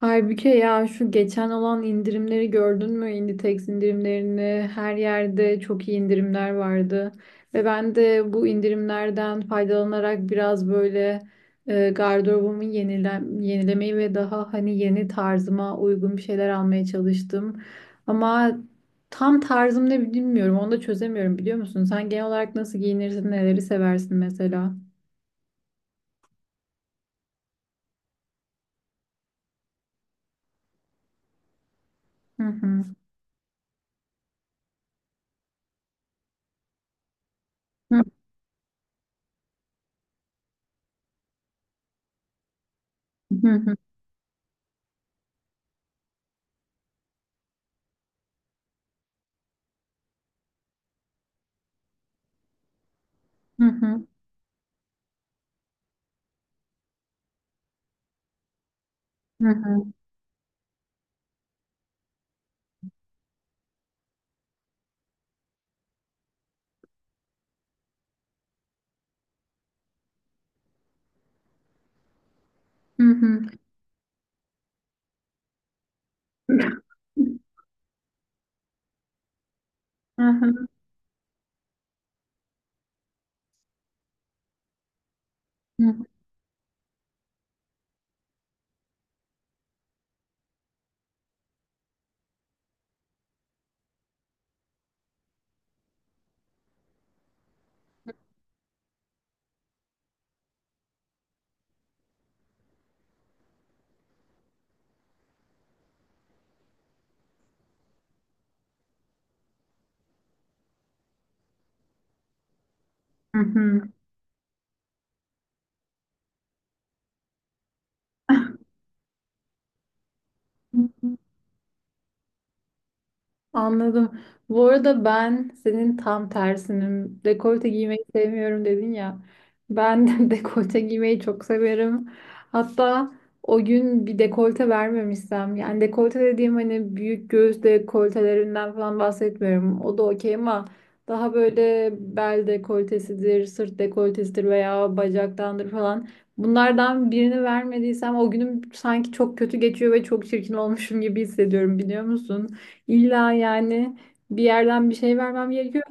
Halbuki ya şu geçen olan indirimleri gördün mü? Inditex indirimlerini her yerde çok iyi indirimler vardı. Ve ben de bu indirimlerden faydalanarak biraz böyle gardırobumu yenilemeyi ve daha hani yeni tarzıma uygun bir şeyler almaya çalıştım. Ama tam tarzım ne bilmiyorum. Onu da çözemiyorum biliyor musun? Sen genel olarak nasıl giyinirsin, neleri seversin mesela? Hı. Hı hı, hı hı, hı hı, hı hı. Hı hı. Hı. Hı hı, hı hı, hı hı. Anladım. Bu arada ben senin tam tersinim. Dekolte giymeyi sevmiyorum dedin ya. Ben de dekolte giymeyi çok severim. Hatta o gün bir dekolte vermemişsem, yani dekolte dediğim hani büyük göğüs dekoltelerinden falan bahsetmiyorum. O da okey ama daha böyle bel dekoltesidir, sırt dekoltesidir veya bacaktandır falan. Bunlardan birini vermediysem o günüm sanki çok kötü geçiyor ve çok çirkin olmuşum gibi hissediyorum biliyor musun? İlla yani bir yerden bir şey vermem gerekiyor.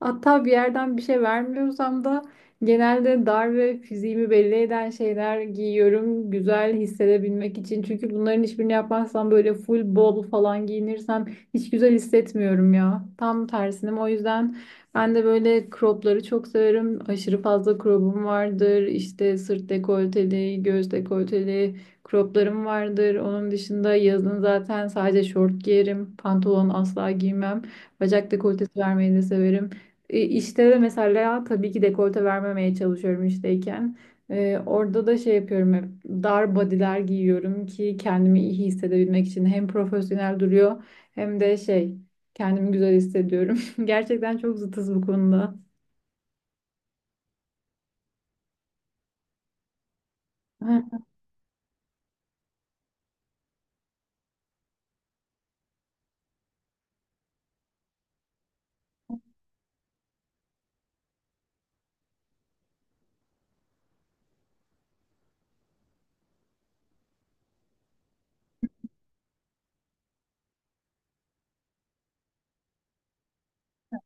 Hatta bir yerden bir şey vermiyorsam da genelde dar ve fiziğimi belli eden şeyler giyiyorum güzel hissedebilmek için. Çünkü bunların hiçbirini yapmazsam böyle full bol falan giyinirsem hiç güzel hissetmiyorum ya. Tam tersinim. O yüzden ben de böyle cropları çok severim. Aşırı fazla crop'um vardır. İşte sırt dekolteli, göğüs dekolteli croplarım vardır. Onun dışında yazın zaten sadece şort giyerim. Pantolon asla giymem. Bacak dekoltesi vermeyi de severim. İşte de mesela tabii ki dekolte vermemeye çalışıyorum işteyken. Orada da şey yapıyorum, hep dar body'ler giyiyorum ki kendimi iyi hissedebilmek için. Hem profesyonel duruyor hem de şey, kendimi güzel hissediyorum. Gerçekten çok zıtız bu konuda. Heh.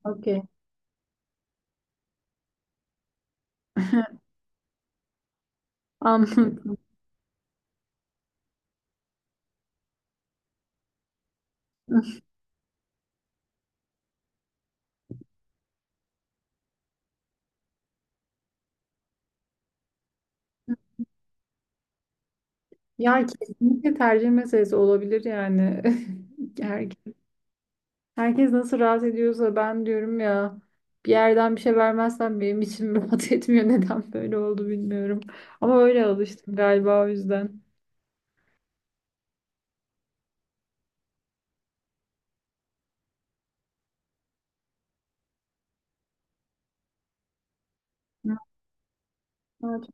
Okey. Anladım. Ya kesinlikle tercih meselesi olabilir yani. Her Herkes nasıl rahat ediyorsa, ben diyorum ya, bir yerden bir şey vermezsen benim içim rahat etmiyor. Neden böyle oldu bilmiyorum. Ama öyle alıştım galiba, o yüzden. Evet.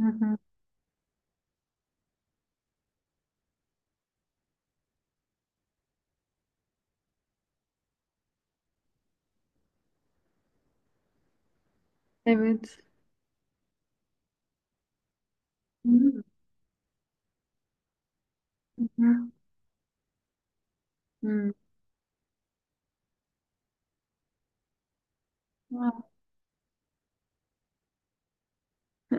Hı hı. Evet. Hı hı. Hı. Hı.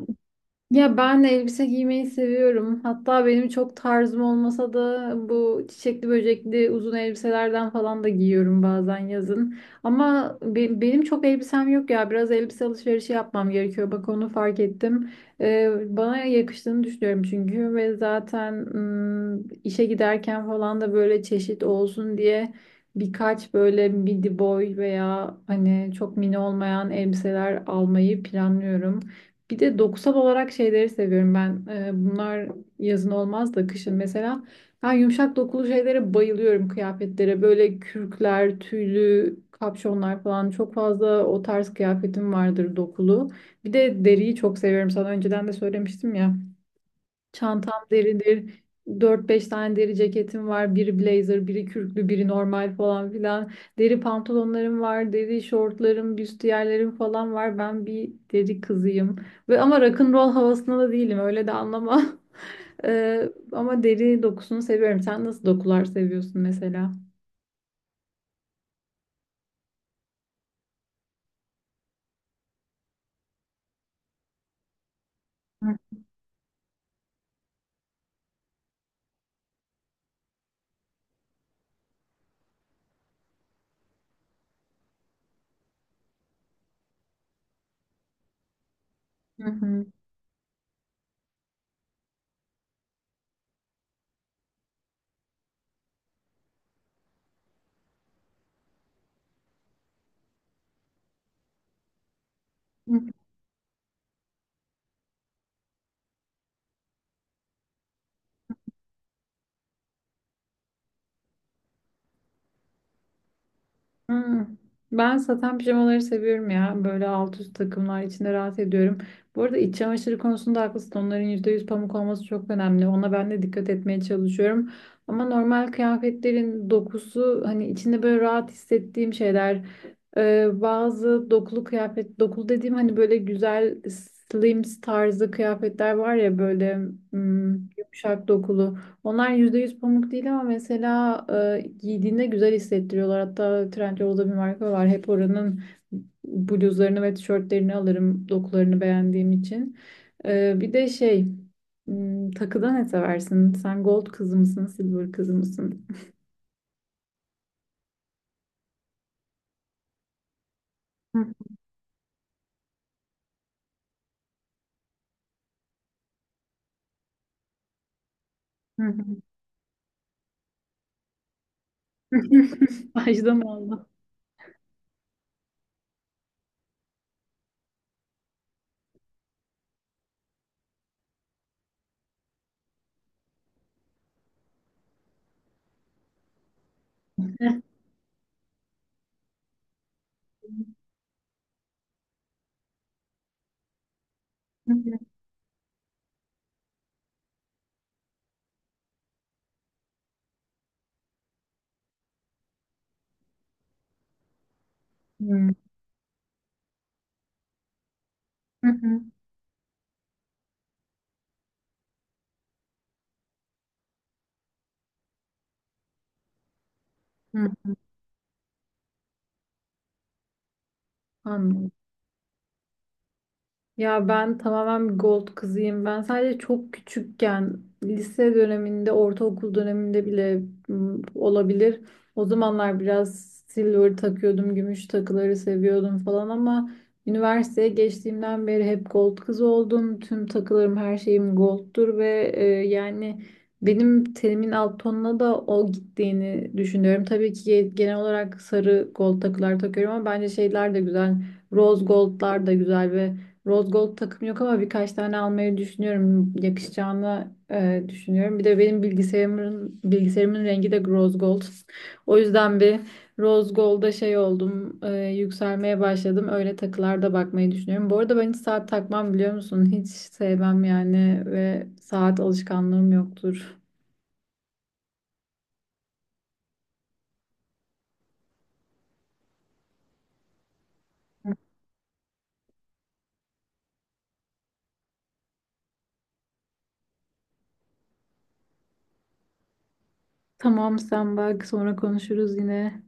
Ya ben de elbise giymeyi seviyorum. Hatta benim çok tarzım olmasa da bu çiçekli böcekli uzun elbiselerden falan da giyiyorum bazen yazın. Ama benim çok elbisem yok ya. Biraz elbise alışverişi yapmam gerekiyor. Bak onu fark ettim. Ee, Bana yakıştığını düşünüyorum çünkü, ve zaten işe giderken falan da böyle çeşit olsun diye birkaç böyle midi boy veya hani çok mini olmayan elbiseler almayı planlıyorum. Bir de dokusal olarak şeyleri seviyorum ben. Bunlar yazın olmaz da kışın mesela. Ben yumuşak dokulu şeylere bayılıyorum, kıyafetlere. Böyle kürkler, tüylü kapşonlar falan, çok fazla o tarz kıyafetim vardır, dokulu. Bir de deriyi çok seviyorum. Sana önceden de söylemiştim ya. Çantam deridir. Dört beş tane deri ceketim var. Biri blazer, biri kürklü, biri normal falan filan. Deri pantolonlarım var, deri şortlarım, büstiyerlerim falan var. Ben bir deri kızıyım. Ve ama rock'n'roll havasında da değilim. Öyle de anlama. Ama deri dokusunu seviyorum. Sen nasıl dokular seviyorsun mesela? Hı hı. Hmm. Ben saten pijamaları seviyorum ya. Böyle alt üst takımlar içinde rahat ediyorum. Bu arada iç çamaşırı konusunda haklısın. Onların %100 pamuk olması çok önemli. Ona ben de dikkat etmeye çalışıyorum. Ama normal kıyafetlerin dokusu, hani içinde böyle rahat hissettiğim şeyler. Bazı dokulu kıyafet, dokulu dediğim hani böyle güzel slims tarzı kıyafetler var ya, böyle hmm, yumuşak dokulu. Onlar %100 pamuk değil ama mesela giydiğinde güzel hissettiriyorlar. Hatta Trendyol'da bir marka var. Hep oranın bluzlarını ve tişörtlerini alırım, dokularını beğendiğim için. Bir de şey, takıda ne seversin? Sen gold kızı mısın, silver kızı mısın? Ajda mı aldın? Hı, hı, hı. Anladım. Ya ben tamamen bir gold kızıyım. Ben sadece çok küçükken, lise döneminde, ortaokul döneminde bile olabilir. O zamanlar biraz silver takıyordum, gümüş takıları seviyordum falan, ama üniversiteye geçtiğimden beri hep gold kız oldum. Tüm takılarım, her şeyim goldtur ve yani benim tenimin alt tonuna da o gittiğini düşünüyorum. Tabii ki genel olarak sarı gold takılar takıyorum ama bence şeyler de güzel. Rose goldlar da güzel ve Rose Gold takım yok, ama birkaç tane almayı düşünüyorum. Yakışacağını düşünüyorum. Bir de benim bilgisayarımın rengi de Rose Gold. O yüzden bir Rose Gold'a şey oldum, yükselmeye başladım. Öyle takılarda bakmayı düşünüyorum. Bu arada ben hiç saat takmam biliyor musun? Hiç sevmem yani, ve saat alışkanlığım yoktur. Tamam, sen bak, sonra konuşuruz yine.